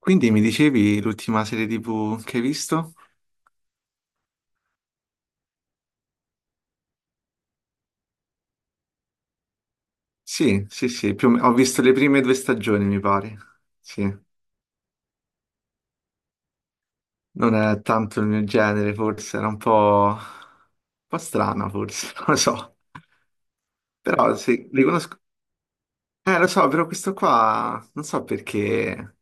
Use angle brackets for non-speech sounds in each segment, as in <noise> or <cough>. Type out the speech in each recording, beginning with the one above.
Quindi mi dicevi l'ultima serie TV che hai visto? Sì, sì, sì, ho visto le prime due stagioni, mi pare. Sì, non è tanto il mio genere, forse, era un po' strana, forse, <laughs> non lo so. Però sì, li conosco. Lo so, però questo qua non so perché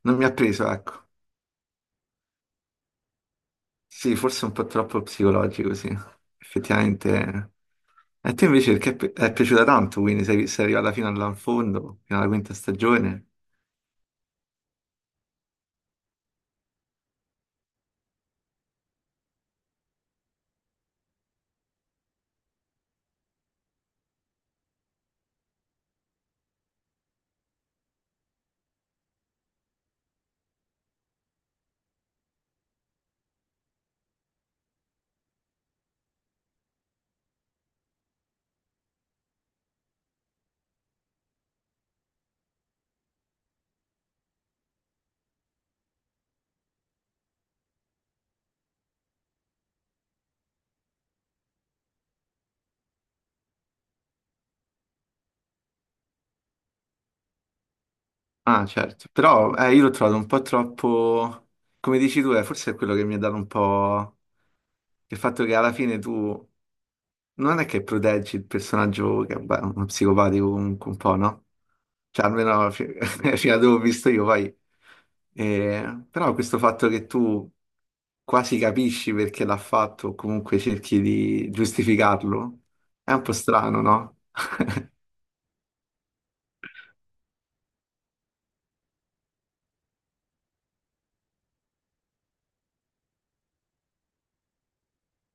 non mi ha preso, ecco. Sì, forse un po' troppo psicologico, sì. Effettivamente. E te invece perché è piaciuta tanto, quindi sei arrivato in fondo, fino alla quinta stagione. Ah, certo, però io l'ho trovato un po' troppo, come dici tu, forse è quello che mi ha dato un po' il fatto che alla fine tu non è che proteggi il personaggio che vabbè, è uno psicopatico comunque un po', no? Cioè almeno <laughs> fino a dove ho visto io poi. Però questo fatto che tu quasi capisci perché l'ha fatto o comunque cerchi di giustificarlo è un po' strano, no? <laughs>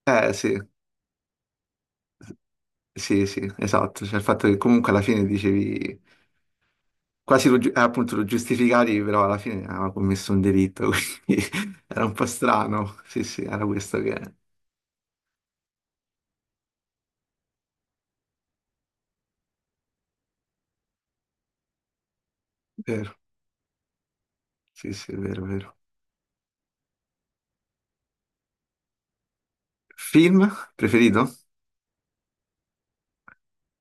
Eh sì, sì, sì, esatto. Cioè il fatto che comunque alla fine dicevi. Quasi appunto lo giustificavi, però alla fine aveva commesso un delitto, <laughs> quindi era un po' strano. Sì, sì, era questo che è vero. Sì, sì, è vero, è vero. Film preferito?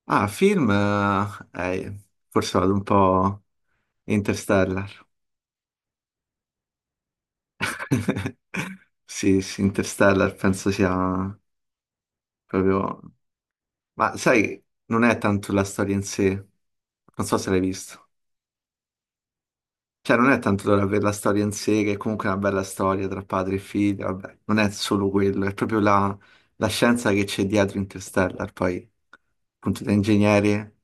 Ah, film, forse vado un po' Interstellar. <laughs> Sì, sì, Interstellar penso sia proprio... Ma sai, non è tanto la storia in sé, non so se l'hai visto. Cioè, non è tanto dover avere la storia in sé, che è comunque una bella storia tra padre e figlio, vabbè, non è solo quello, è proprio la scienza che c'è dietro Interstellar, poi appunto da ingegneri.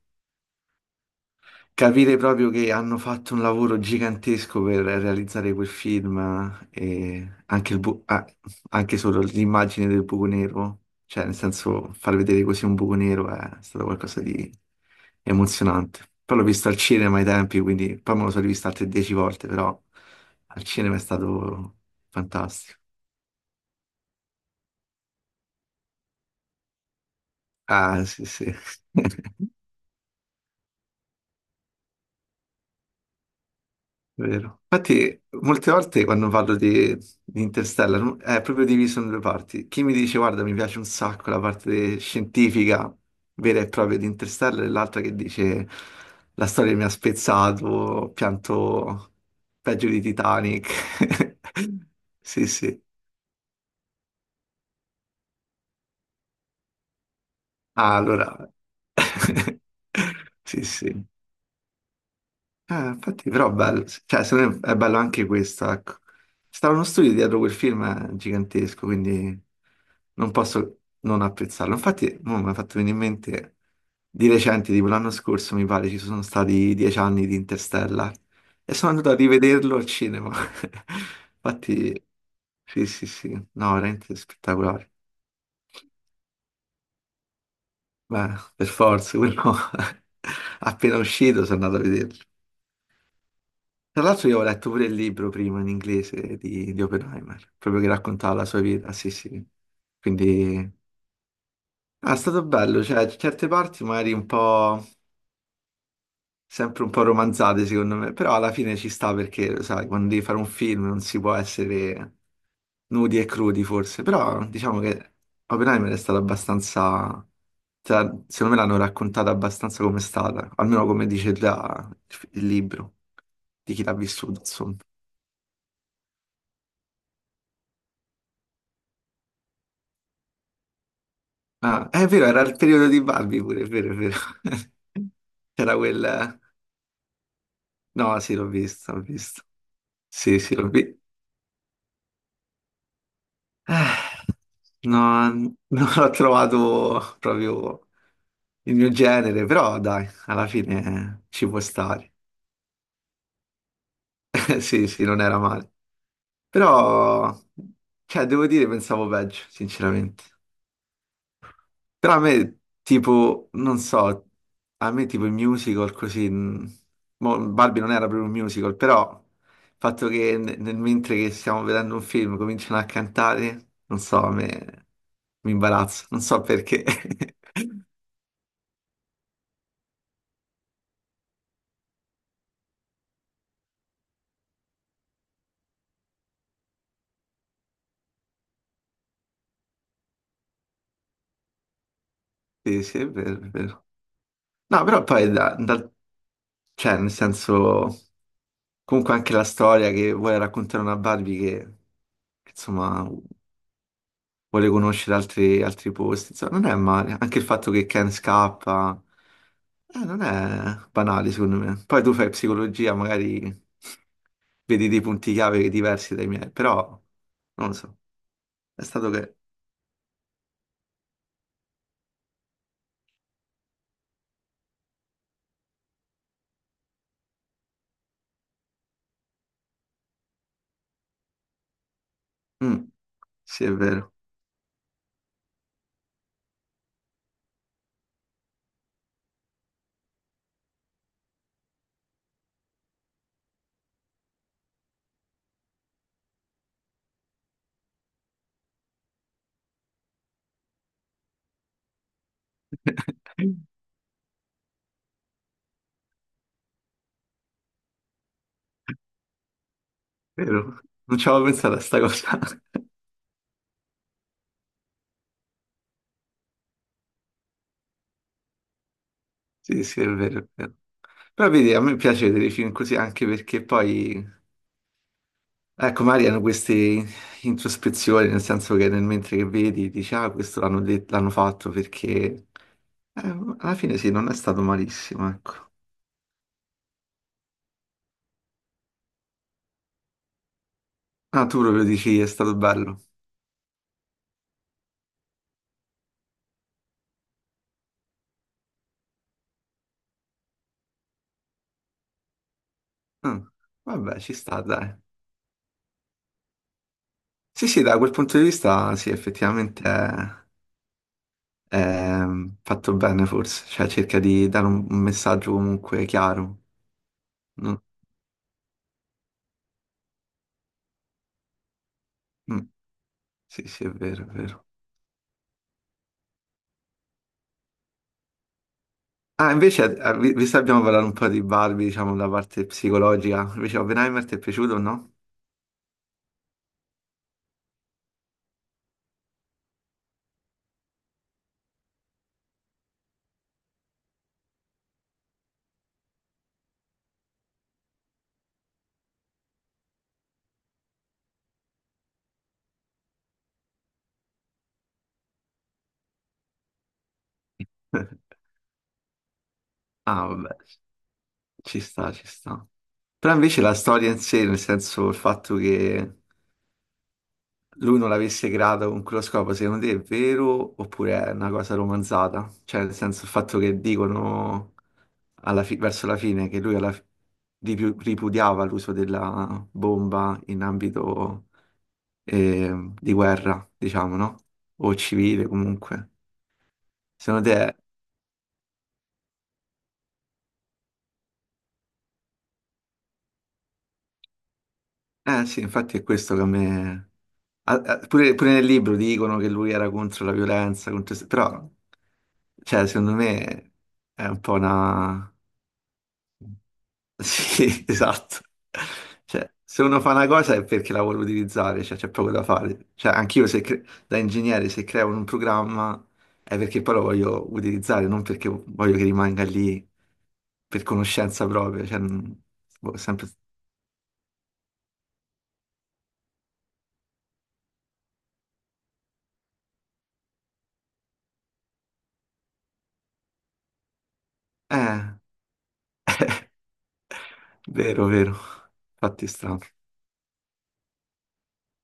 Capire proprio che hanno fatto un lavoro gigantesco per realizzare quel film e anche, anche solo l'immagine del buco nero, cioè nel senso far vedere così un buco nero è stato qualcosa di emozionante. Poi l'ho visto al cinema ai tempi, quindi poi me lo sono rivisto altre dieci volte, però al cinema è stato fantastico. Ah, sì, sì. <laughs> Vero. Infatti, molte volte quando parlo di Interstellar no? È proprio diviso in due parti. Chi mi dice, guarda, mi piace un sacco la parte scientifica vera e propria di Interstellar, e l'altra che dice, la storia mi ha spezzato, ho pianto peggio di Titanic. <laughs> Sì, sì. Ah, allora. <laughs> Sì, sì. Infatti, però è bello, cioè, secondo me è bello anche questo, ecco. Stava uno studio dietro quel film gigantesco, quindi non posso non apprezzarlo. Infatti, mo mi ha fatto venire in mente di recente, tipo l'anno scorso, mi pare, ci sono stati dieci anni di Interstellar e sono andato a rivederlo al cinema. <laughs> Infatti, sì, sì, sì, no, veramente spettacolare. Beh, per forza, quello <laughs> appena uscito sono andato a vederlo. Tra l'altro io ho letto pure il libro prima in inglese di Oppenheimer, proprio che raccontava la sua vita, sì sì. Quindi ah, è stato bello, cioè certe parti magari sempre un po' romanzate secondo me, però alla fine ci sta perché, lo sai, quando devi fare un film non si può essere nudi e crudi forse, però diciamo che Oppenheimer è stata abbastanza, cioè, secondo me l'hanno raccontata abbastanza come è stata, almeno come dice già il libro, di chi l'ha vissuto, insomma. Ah, è vero, era il periodo di Barbie pure, è vero, è vero. <laughs> C'era quel... No, sì, l'ho visto, l'ho visto. Sì, sì, l'ho visto. No, non l'ho trovato proprio il mio genere, però dai, alla fine ci può stare. <laughs> Sì, sì, non era male. Però, cioè, devo dire, pensavo peggio, sinceramente. Però a me, tipo, non so, a me tipo i musical così... mo Barbie non era proprio un musical, però il fatto che nel mentre che stiamo vedendo un film cominciano a cantare, non so, a me mi imbarazzo, non so perché. <laughs> Sì, sì, è vero, è vero. No, però poi, cioè, nel senso, comunque anche la storia che vuole raccontare una Barbie che, insomma... vuole conoscere altri posti. Insomma, non è male. Anche il fatto che Ken scappa, non è banale, secondo me. Poi tu fai psicologia, magari vedi dei punti chiave diversi dai miei, però non lo so. È stato che... Mm, sì, è vero, vero. Non ci avevo pensato a sta cosa. <laughs> Sì, sì, è vero, è vero. Però vedi, a me piace vedere i film così anche perché poi ecco, magari hanno queste introspezioni, nel senso che nel mentre che vedi dici, ah, questo l'hanno fatto perché alla fine sì, non è stato malissimo, ecco. Ah, tu proprio dici è stato bello. Mm, vabbè, ci sta, dai. Sì, sì, da quel punto di vista, sì, effettivamente è fatto bene forse, cioè cerca di dare un messaggio comunque chiaro. Non- mm, sì, sì, è vero, è vero. Ah, invece, visto che abbiamo parlato un po' di Barbie, diciamo, la parte psicologica, invece Oppenheimer ti è piaciuto o no? <laughs> Ah, vabbè, ci sta, ci sta. Però invece la storia in sé, nel senso il fatto che lui non l'avesse creata con quello scopo, secondo te è vero oppure è una cosa romanzata? Cioè, nel senso il fatto che dicono verso la fine che lui alla fi- ripu- ripudiava l'uso della bomba in ambito di guerra, diciamo, no? O civile comunque. Secondo te, eh sì, infatti è questo che a me... pure, pure nel libro dicono che lui era contro la violenza, contro... però, cioè, secondo me è un po' una... Sì, <laughs> esatto. Cioè, se uno fa una cosa è perché la vuole utilizzare, cioè c'è poco da fare. Cioè, anch'io se da ingegnere se creo un programma è perché poi lo voglio utilizzare, non perché voglio che rimanga lì per conoscenza propria. Cioè, non- boh, sempre... Eh, vero, vero. Fatti strano.